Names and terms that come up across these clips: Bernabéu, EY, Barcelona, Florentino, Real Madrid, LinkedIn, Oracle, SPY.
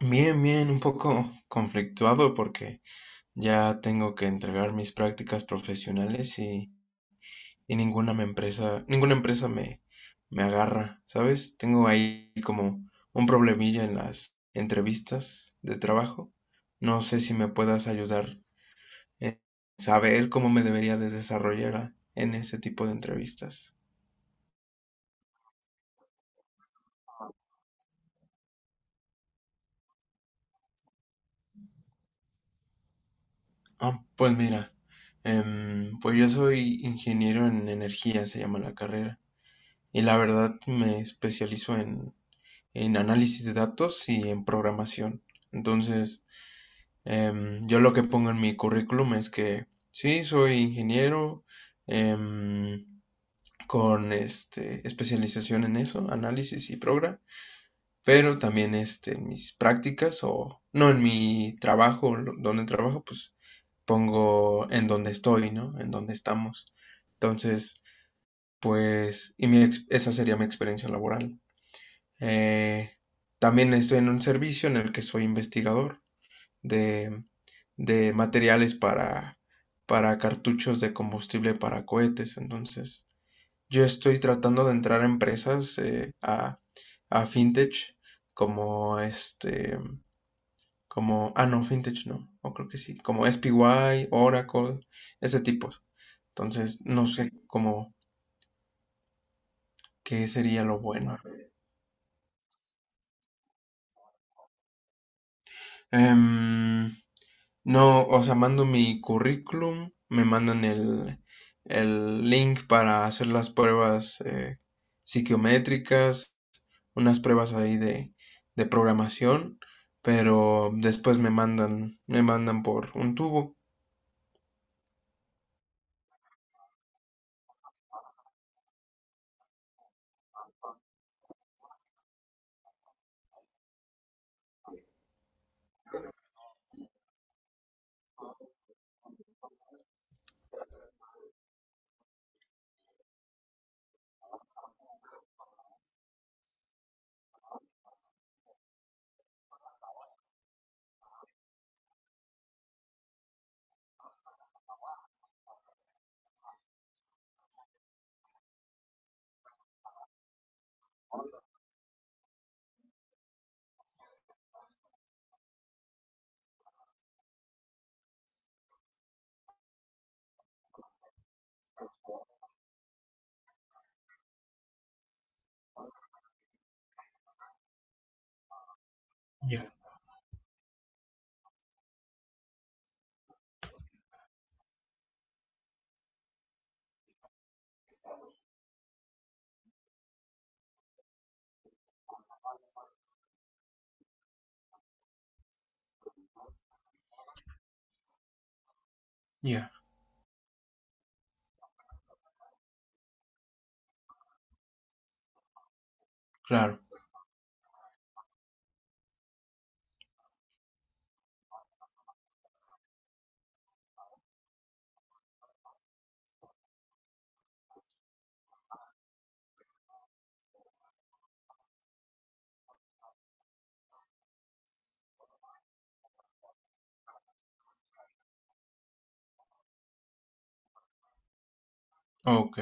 Bien, bien, un poco conflictuado porque ya tengo que entregar mis prácticas profesionales y ninguna empresa me agarra, ¿sabes? Tengo ahí como un problemilla en las entrevistas de trabajo. No sé si me puedas ayudar a saber cómo me debería de desarrollar en ese tipo de entrevistas. Ah, pues mira, pues yo soy ingeniero en energía, se llama la carrera. Y la verdad me especializo en análisis de datos y en programación. Entonces, yo lo que pongo en mi currículum es que sí, soy ingeniero em, con este, especialización en eso, análisis y programa, pero también este, en mis prácticas o no en mi trabajo, donde trabajo, pues pongo en donde estoy, ¿no? En donde estamos. Entonces, pues, y mi esa sería mi experiencia laboral. Eh, También estoy en un servicio en el que soy investigador de, de materiales para cartuchos de combustible para cohetes. Entonces, yo estoy tratando de entrar a empresas a fintech como este, como, ah, no, fintech no, o creo que sí, como SPY, Oracle, ese tipo. Entonces, no sé cómo, qué sería lo bueno. Em, No, o sea, mando mi currículum, me mandan el link para hacer las pruebas psiquiométricas, unas pruebas ahí de programación, pero después me mandan por un tubo. Ya, ya, claro. Ok,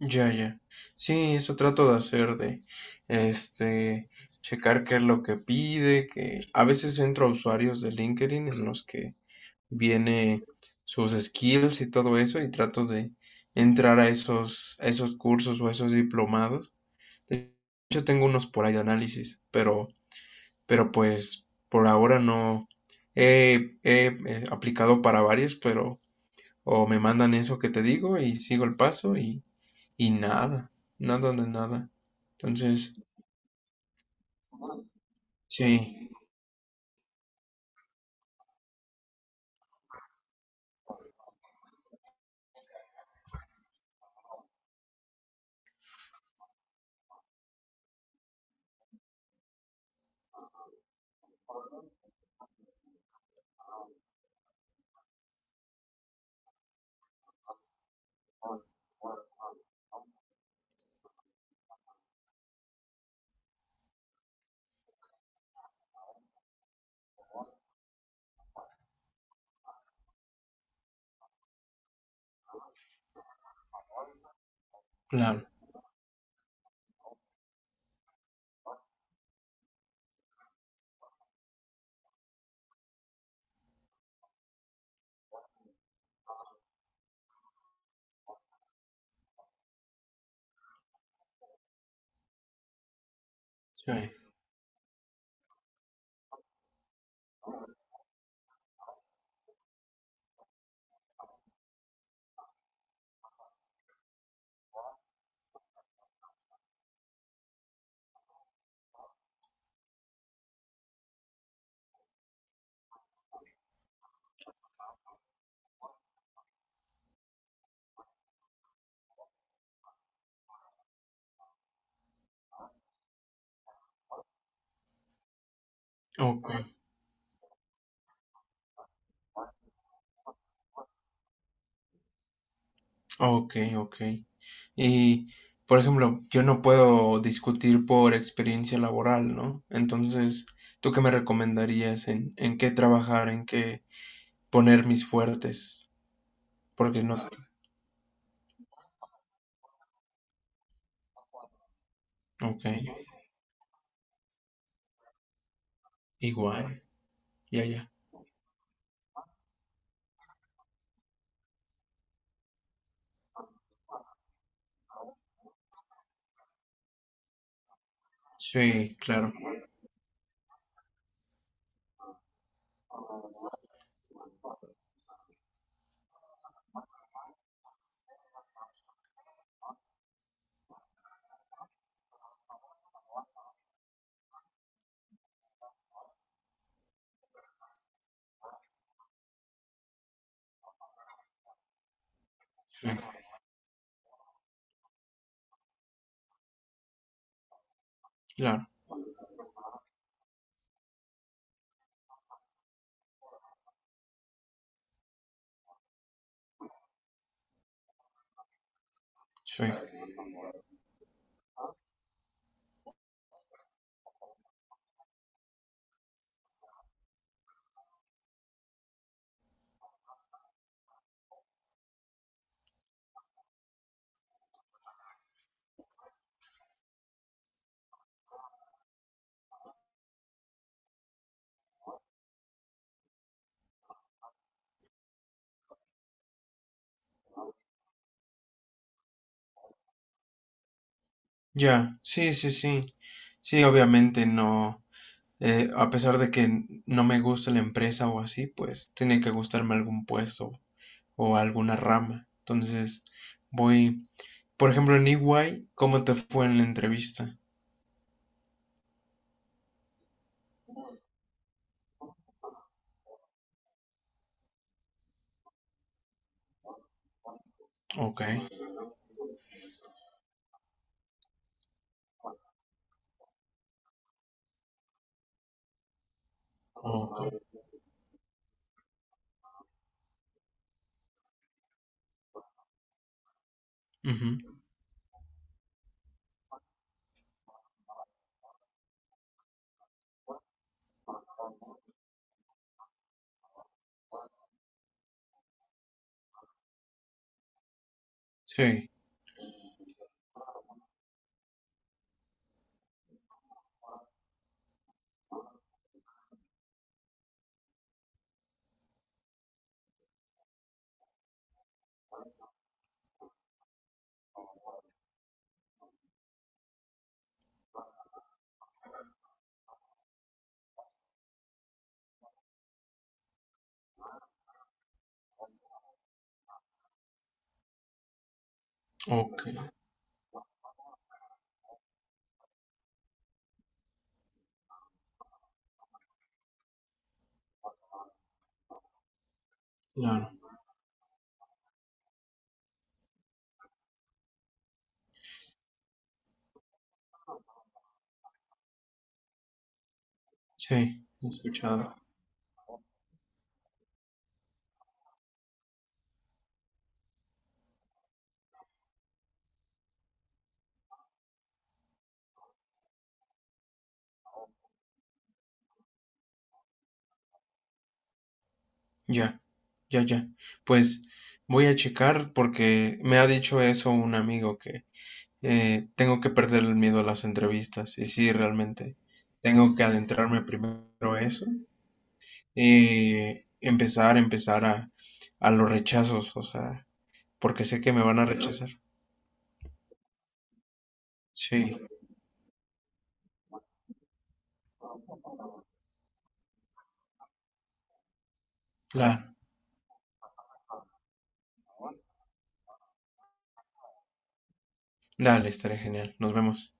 ya, ya. Sí, eso trato de hacer de, este, checar qué es lo que pide, que a veces entro a usuarios de LinkedIn en los que viene sus skills y todo eso y trato de entrar a esos cursos o a esos diplomados. De hecho, tengo unos por ahí de análisis, pero pues por ahora no aplicado para varios, pero o me mandan eso que te digo y sigo el paso y nada, nada de nada. Entonces, sí, claro, sí. Ok. Ok, ok. Y, por ejemplo, yo no puedo discutir por experiencia laboral, ¿no? Entonces, ¿tú qué me recomendarías en qué trabajar, en qué poner mis fuertes? Porque no... Ok, igual. Ya, ya. Sí, claro. Sí, claro. Sí. Ya, sí, sí, sí. Sí, obviamente no. A pesar de que no me gusta la empresa o así, pues tiene que gustarme algún puesto o alguna rama. Entonces, voy, por ejemplo, en EY, ¿cómo te fue en la entrevista? Ok, ok, ujú, sí, ok, claro, sí, he escuchado, ya, ya, ya. Pues voy a checar porque me ha dicho eso un amigo que tengo que perder el miedo a las entrevistas y sí, realmente tengo que adentrarme primero a eso y empezar a los rechazos, o sea, porque sé que me van a rechazar. Sí, claro. Dale, estaré genial. Nos vemos.